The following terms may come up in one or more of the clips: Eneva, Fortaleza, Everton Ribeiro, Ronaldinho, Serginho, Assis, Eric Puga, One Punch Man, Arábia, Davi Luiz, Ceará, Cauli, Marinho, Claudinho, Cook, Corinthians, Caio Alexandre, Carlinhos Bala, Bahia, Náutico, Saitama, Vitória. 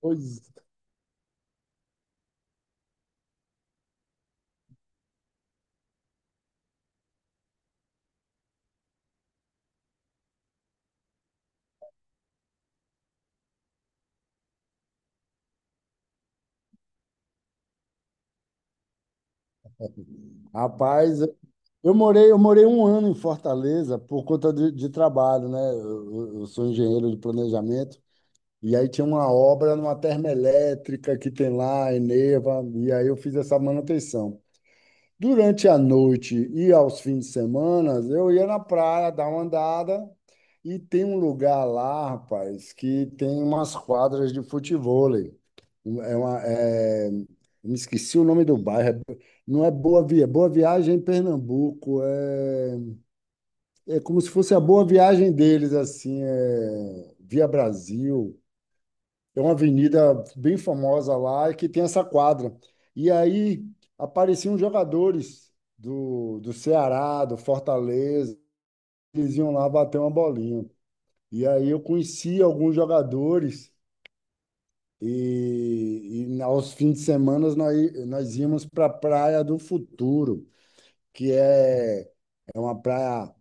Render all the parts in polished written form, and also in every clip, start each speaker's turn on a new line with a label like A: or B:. A: Pois, rapaz, eu morei um ano em Fortaleza por conta de trabalho, né? Eu sou engenheiro de planejamento, e aí tinha uma obra numa termoelétrica que tem lá, Eneva, e aí eu fiz essa manutenção. Durante a noite e aos fins de semana, eu ia na praia dar uma andada e tem um lugar lá, rapaz, que tem umas quadras de futevôlei. É uma, é- Me esqueci o nome do bairro. Não é Boa Viagem em Pernambuco. É, é como se fosse a Boa Viagem deles, assim, é Via Brasil. É uma avenida bem famosa lá e que tem essa quadra. E aí apareciam jogadores do Ceará, do Fortaleza, eles iam lá bater uma bolinha. E aí eu conheci alguns jogadores e aos fins de semana nós íamos para a Praia do Futuro, que é, é uma praia.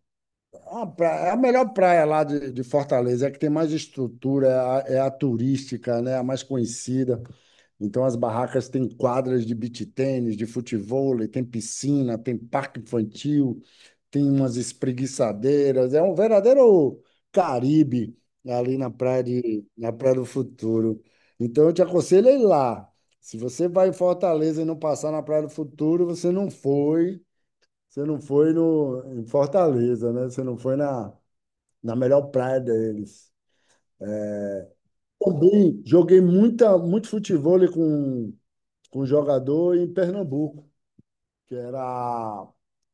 A: A melhor praia lá de Fortaleza, é a que tem mais estrutura, é é a turística, né? A mais conhecida. Então, as barracas têm quadras de beach tênis, de futevôlei, tem piscina, tem parque infantil, tem umas espreguiçadeiras. É um verdadeiro Caribe ali na praia na Praia do Futuro. Então, eu te aconselho a ir lá. Se você vai em Fortaleza e não passar na Praia do Futuro, você não foi, você não foi no, em Fortaleza, né? Você não foi na melhor praia deles. Também joguei muito futebol com um jogador em Pernambuco, que era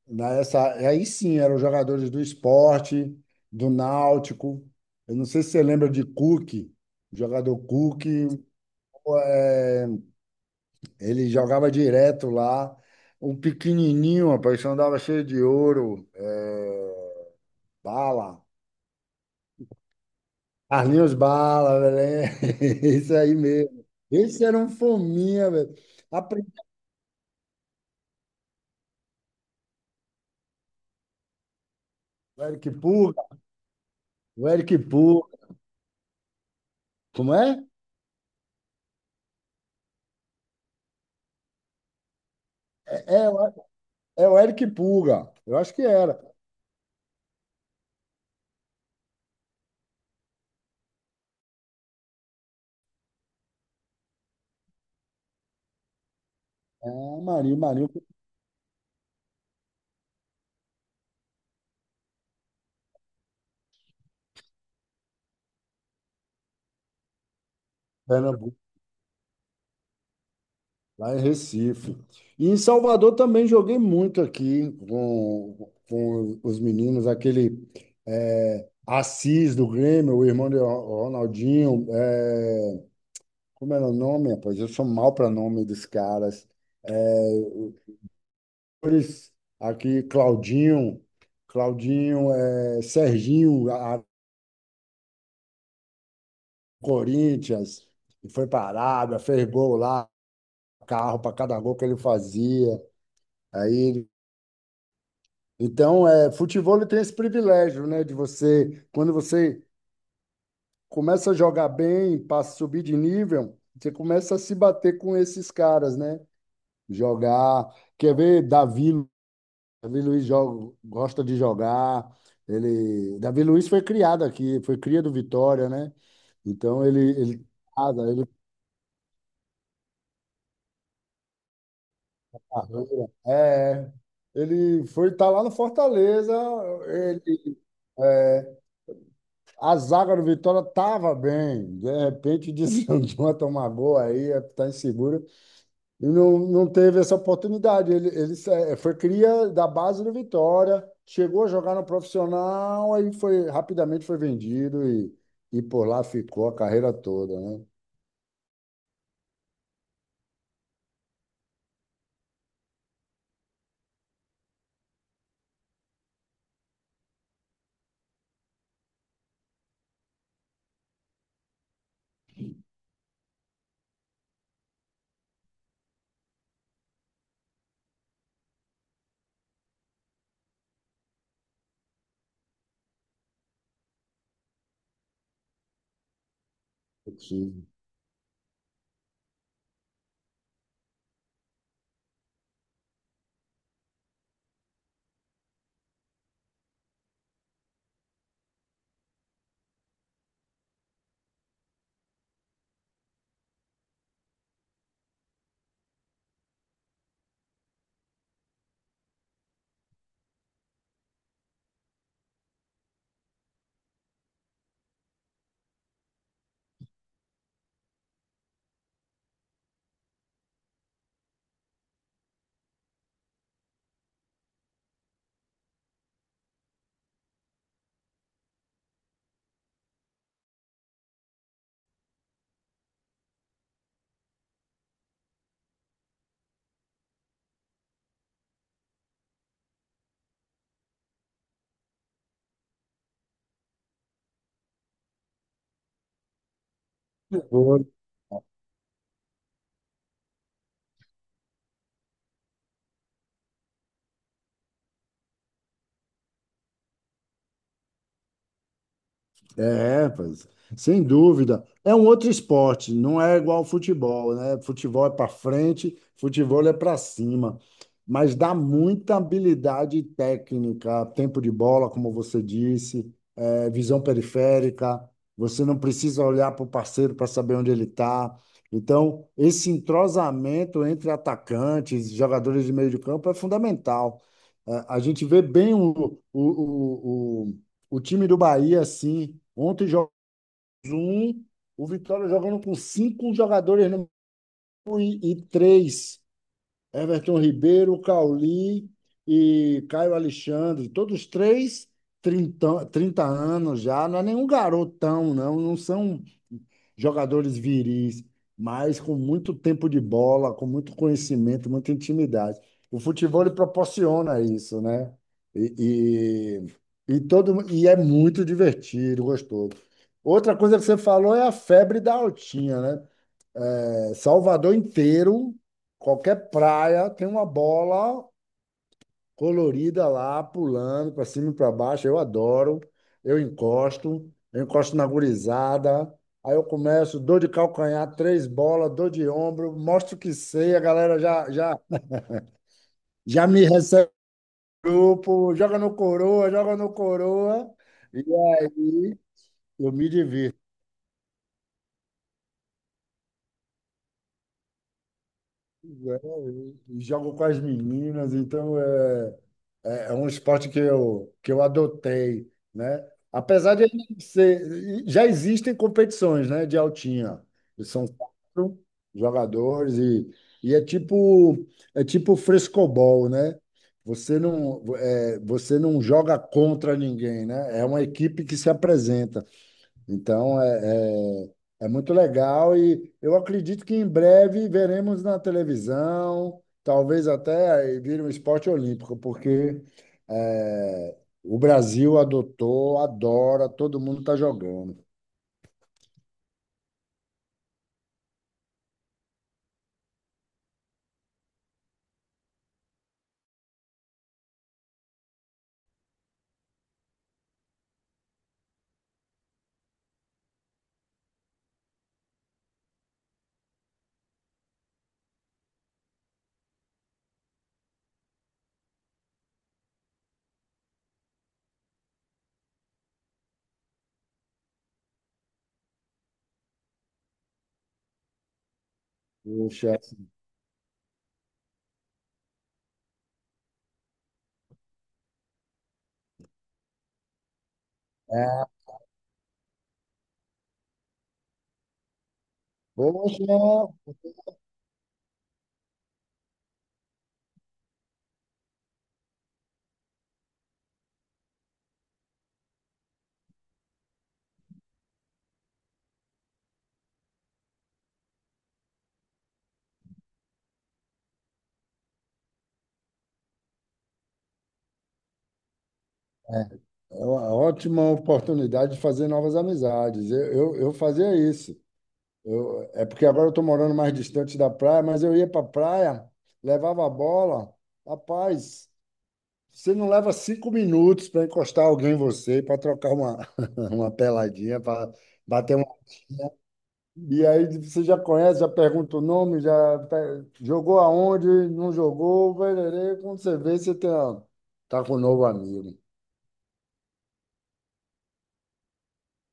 A: nessa, aí sim, eram jogadores do esporte, do Náutico. Eu não sei se você lembra de Cook, jogador Cook, é, ele jogava direto lá. Um pequenininho, rapaz, que andava cheio de ouro, é, bala. Carlinhos Bala, velho. Isso aí mesmo. Esse era um fominha, velho. Aprendi o Eric Puga, o Eric Puga. Como é? É, é, o- É o Eric Puga. Eu acho que era. É, Marinho, Pernambuco, lá em Recife. E em Salvador também joguei muito aqui com os meninos, aquele é, Assis do Grêmio, o irmão de Ronaldinho. É, como era o nome, rapaz? Eu sou mal para nome dos caras. É, Flores, aqui, Claudinho, é, Serginho, Corinthians, e foi para a Arábia, fez gol lá, carro para cada gol que ele fazia. Aí, ele- então, é, futebol ele tem esse privilégio, né, de você, quando você começa a jogar bem, passa a subir de nível, você começa a se bater com esses caras, né? Jogar, quer ver Davi Luiz joga, gosta de jogar. Davi Luiz foi criado aqui, foi cria do Vitória, né? Então ele ah, ele é, ele foi estar lá no Fortaleza, ele é, a zaga do Vitória tava bem. De repente desandou a tomar gol aí, tá inseguro. E não teve essa oportunidade. Foi cria da base do Vitória, chegou a jogar no profissional, aí foi rapidamente foi vendido e por lá ficou a carreira toda, né? O time. É, pois, sem dúvida. É um outro esporte, não é igual ao futebol, né? Futebol é para frente, futebol é para cima, mas dá muita habilidade técnica, tempo de bola, como você disse, é, visão periférica. Você não precisa olhar para o parceiro para saber onde ele está. Então, esse entrosamento entre atacantes, jogadores de meio de campo é fundamental. É, a gente vê bem o, o time do Bahia, assim, ontem jogou um, o Vitória jogando com cinco jogadores no, e três. Everton Ribeiro, Cauli e Caio Alexandre, todos três, 30 30 anos já, não é nenhum garotão, não são jogadores viris, mas com muito tempo de bola, com muito conhecimento, muita intimidade. O futebol ele proporciona isso, né? E, e é muito divertido, gostoso. Outra coisa que você falou é a febre da altinha, né? É, Salvador inteiro, qualquer praia tem uma bola colorida lá, pulando para cima e para baixo. Eu adoro. Eu encosto na gurizada. Aí eu começo, dor de calcanhar, três bolas, dor de ombro, mostro que sei, a galera já me recebe no grupo, joga no coroa, joga no coroa. E aí eu me divirto, né? E jogo com as meninas, então é um esporte que eu adotei, né? Apesar de ele ser, já existem competições, né, de altinha. São quatro jogadores e é tipo frescobol, né? Você não joga contra ninguém, né? É uma equipe que se apresenta. Então, é muito legal e eu acredito que em breve veremos na televisão, talvez até vire um esporte olímpico, porque é, o Brasil adotou, adora, todo mundo está jogando. Poxa, é, poxa, é uma ótima oportunidade de fazer novas amizades. Eu fazia isso. É porque agora eu estou morando mais distante da praia, mas eu ia para a praia, levava a bola, rapaz. Você não leva cinco minutos para encostar alguém em você, para trocar uma, uma peladinha, para bater uma. E aí você já conhece, já pergunta o nome, jogou aonde, não jogou, pererê. Quando você vê, você tem, ó, tá com um novo amigo.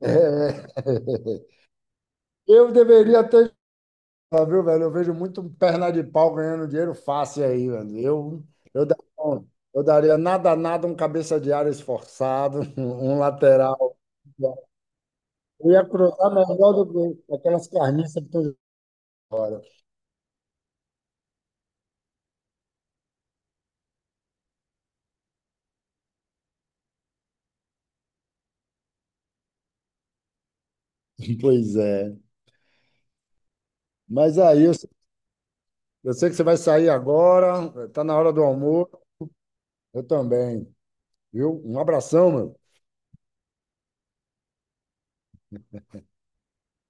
A: É. Eu deveria ter jogado, viu, velho? Eu vejo muito perna de pau ganhando dinheiro fácil aí, velho. Eu, da- eu daria nada, um cabeça de área esforçado, um lateral. Eu ia cruzar melhor do que aquelas carniças que estão fora. Pois é. Mas é isso. Eu sei que você vai sair agora, está na hora do almoço, eu também. Viu? Um abração, meu.